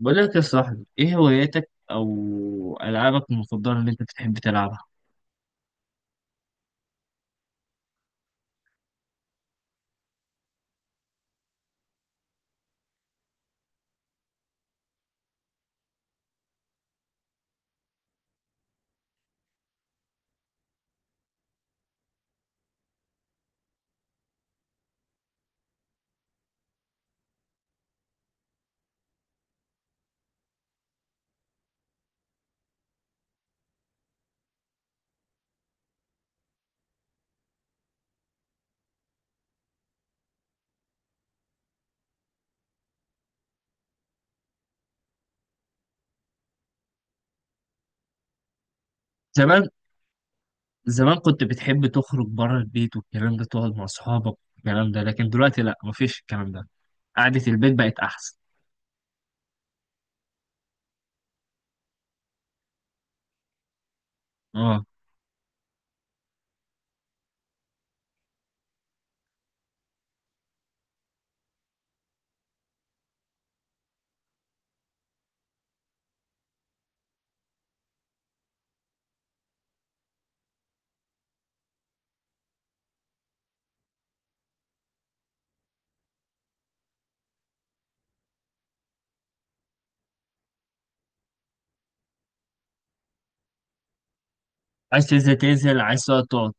بقول لك يا صاحبي، ايه هواياتك او العابك المفضله اللي انت بتحب تلعبها؟ زمان زمان كنت بتحب تخرج بره البيت والكلام ده، تقعد مع اصحابك والكلام ده، لكن دلوقتي لا، مفيش الكلام ده. قعده البيت بقت احسن. اه، عايز تنزل تنزل، عايز تقعد تقعد.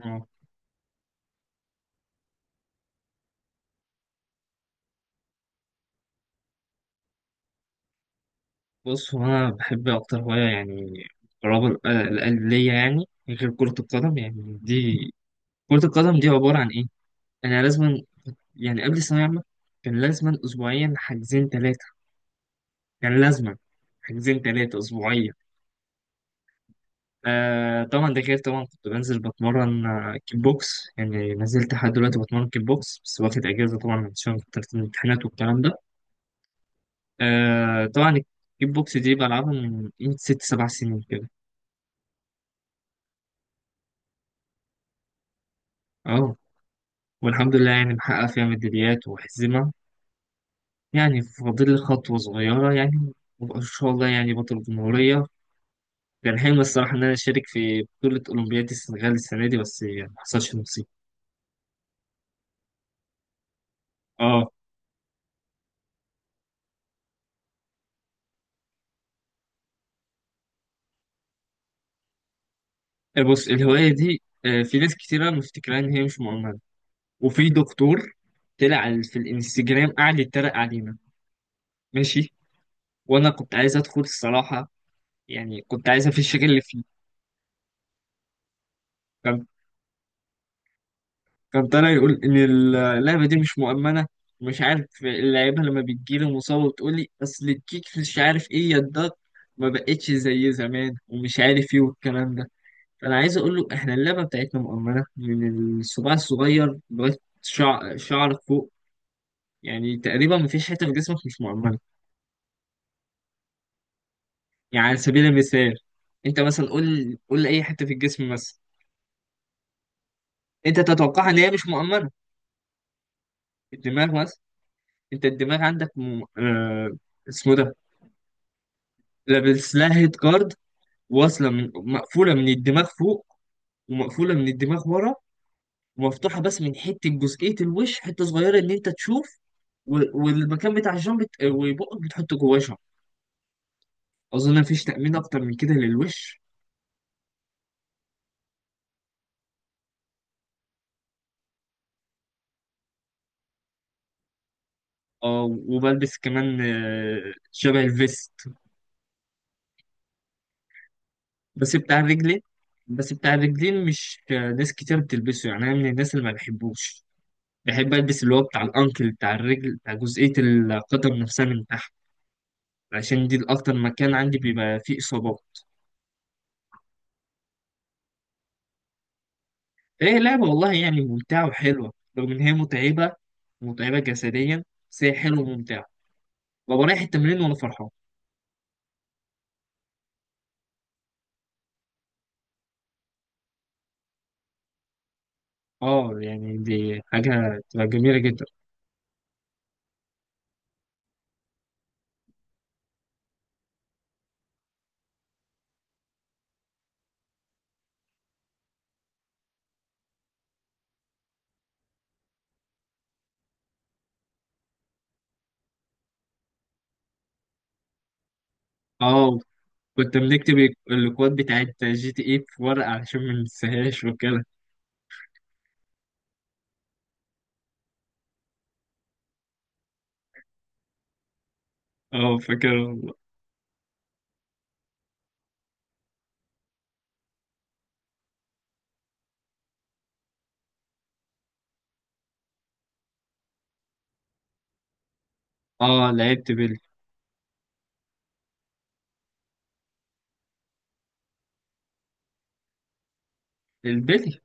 اه، بص، هو انا بحب اكتر هوايه يعني قرابة القلب ليا يعني، غير كرة القدم. يعني دي كرة القدم دي عبارة عن ايه؟ انا لازم يعني قبل الثانوية عامة كان لازم اسبوعيا حجزين ثلاثة كان لازمة حاجزين تلاتة أسبوعية. آه طبعا، ده غير طبعا كنت بنزل بتمرن كيك بوكس. يعني نزلت لحد دلوقتي بتمرن كيك بوكس، بس واخد أجازة طبعا عشان فترة الامتحانات والكلام ده. آه طبعا الكيك بوكس دي بلعبها من 6 7 سنين كده. اه، والحمد لله يعني محقق فيها ميداليات وحزمة. يعني فاضل لي خطوة صغيرة يعني، وأبقى إن شاء الله يعني بطل جمهورية. كان حلم الصراحة إن أنا أشارك في بطولة أولمبياد السنغال السنة دي، بس يعني محصلش نصيب. اه. بص الهواية دي، في ناس كتيرة مفتكرة إن هي مش مؤمنة. وفي دكتور طلع في الانستجرام قعد يتريق علينا، ماشي. وأنا كنت عايز أدخل الصراحة، يعني كنت عايز أفش اللي فيه. كان كان طالع يقول إن اللعبة دي مش مؤمنة. مش عارف اللعيبة لما بتجيلي مصابة بتقولي أصل الكيك مش عارف إيه، يا الضغط ما بقتش زي زمان، ومش عارف إيه والكلام ده. فأنا عايز أقول له، إحنا اللعبة بتاعتنا مؤمنة من الصباع الصغير لغاية شعر شعرك فوق. يعني تقريبا مفيش حته في جسمك مش مؤمنه. يعني على سبيل المثال، انت مثلا قول قول اي حته في الجسم مثلا انت تتوقعها ان هي مش مؤمنه. الدماغ مثلا، انت الدماغ عندك اسمه ده، لابس لها هيد جارد. مقفوله من الدماغ فوق، ومقفوله من الدماغ ورا، ومفتوحه بس من حته جزئيه الوش، حته صغيره ان انت تشوف. والمكان بتاع الجنب وبقك بتحطه جواه شنطه. اظن مفيش تامين اكتر من كده للوش. اه، وبلبس كمان، شبه الفيست. بس بتاع الرجلين، بس بتاع الرجلين مش، ناس كتير بتلبسه يعني، انا من الناس اللي ما بحبوش. بحب البس اللي هو بتاع الانكل بتاع الرجل بتاع جزئية القدم نفسها من تحت، عشان دي الاكتر مكان عندي بيبقى فيه اصابات. هي لعبة والله يعني ممتعة وحلوة، رغم ان هي متعبة، متعبة جسديا، بس هي حلوة وممتعة. ببقى رايح التمرين وانا فرحان. اه يعني دي حاجة تبقى جميلة جدا. اه، كنت بنكتب الكود بتاعت جي تي اي في ورقة علشان ما ننساهاش وكده. اه فاكر والله. اه، لعبت بيلي. البيلي،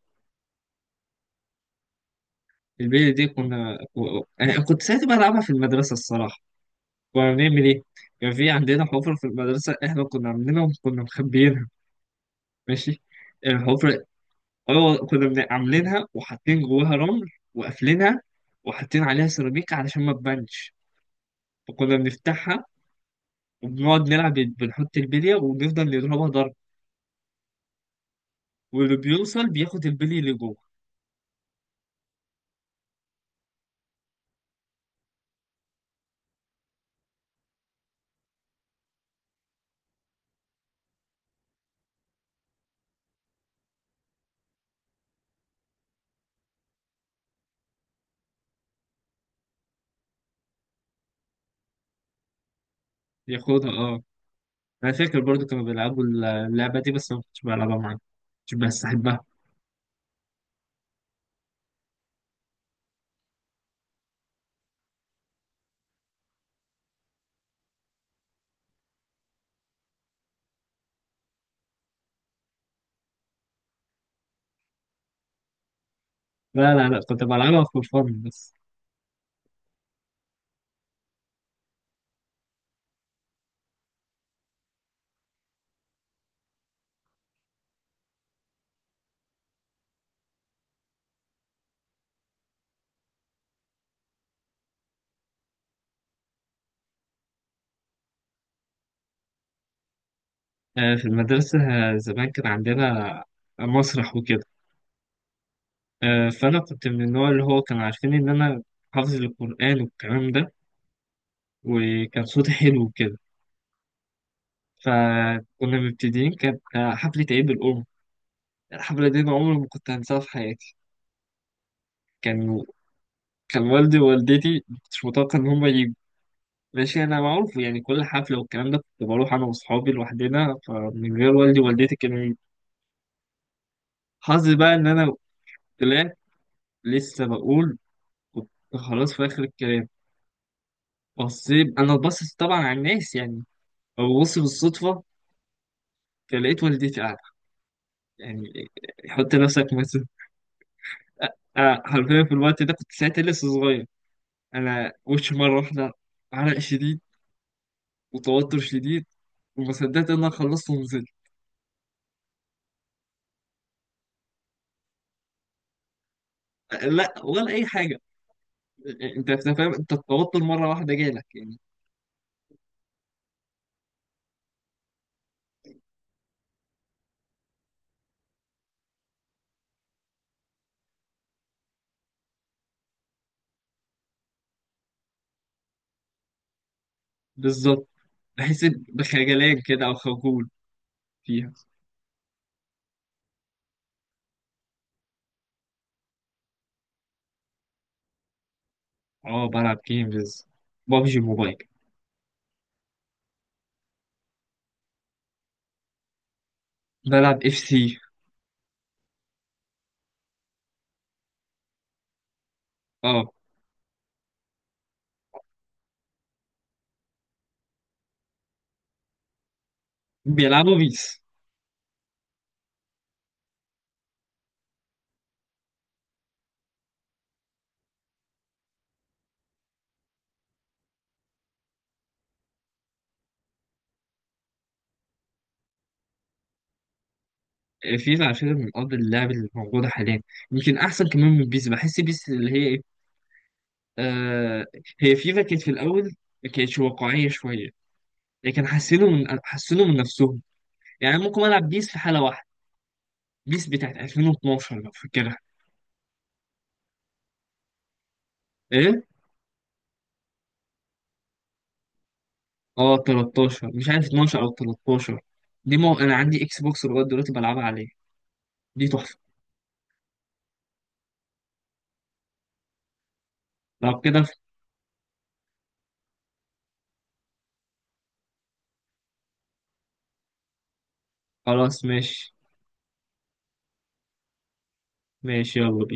البيلي دي كنا انا كنت ساعتها بلعبها في المدرسة الصراحة. كنا بنعمل ايه؟ كان في عندنا حفرة في المدرسة، احنا كنا عاملينها وكنا مخبيينها، ماشي. الحفرة، اه كنا عاملينها وحاطين جواها رمل، وقافلينها، وحاطين عليها سيراميك علشان ما تبانش. فكنا بنفتحها وبنقعد نلعب، بنحط البلية ونفضل نضربها ضرب. واللي بيوصل بياخد البلي اللي جوه ياخدها. اه انا فاكر برضو كانوا بيلعبوا اللعبه دي، بس أنا ما كنتش بلعبها معاهم، مش بستحبها. لا لا لا، كنت بلعبها فور فن بس. آه في المدرسه، زمان كان عندنا مسرح وكده. آه فانا كنت من النوع اللي هو كانوا عارفين ان انا حافظ القران والكلام ده، وكان صوتي حلو وكده. فكنا مبتدئين، كانت حفله عيد الام. الحفله دي انا عمري ما كنت هنساها في حياتي. كان كان والدي ووالدتي مش متوقع ان هم يجوا، ماشي. انا معروف يعني كل حفله والكلام ده كنت بروح انا واصحابي لوحدنا، فمن غير والدي ووالدتي كمان. حظي بقى ان انا طلعت، لسه بقول، كنت، خلاص في اخر الكلام بصيت انا ببصص طبعا على الناس يعني، ببص بالصدفه فلقيت والدتي قاعده. يعني حط نفسك مثلا، أ- حرفيا في الوقت ده كنت ساعتها لسه صغير، انا وشي مره واحده عرق شديد وتوتر شديد، وما صدقت ان انا خلصت ونزلت. لا، ولا اي حاجه. انت فاهم، انت التوتر مره واحده جالك يعني. بالظبط. بحس بخجلان كده او خجول فيها. اه بلعب جيمز، بابجي موبايل. بلعب اف سي. اه بيلعبوا بيس. فيفا على فكره من افضل اللعب اللي موجوده حاليا. يمكن احسن كمان من بيس. بحس بيس اللي هي ايه، آه هي فيفا كانت في الاول ما كانتش واقعيه شويه، لكن حسنوا من نفسهم. يعني ممكن العب بيس في حاله واحده، بيس بتاعت 2012 لو فاكرها. إيه؟ اه 13، مش عارف 12 او 13. دي انا عندي اكس بوكس لغايه دلوقتي بلعبها عليه. دي تحفه. لو كده، خلاص ماشي. ماشي يلا بينا.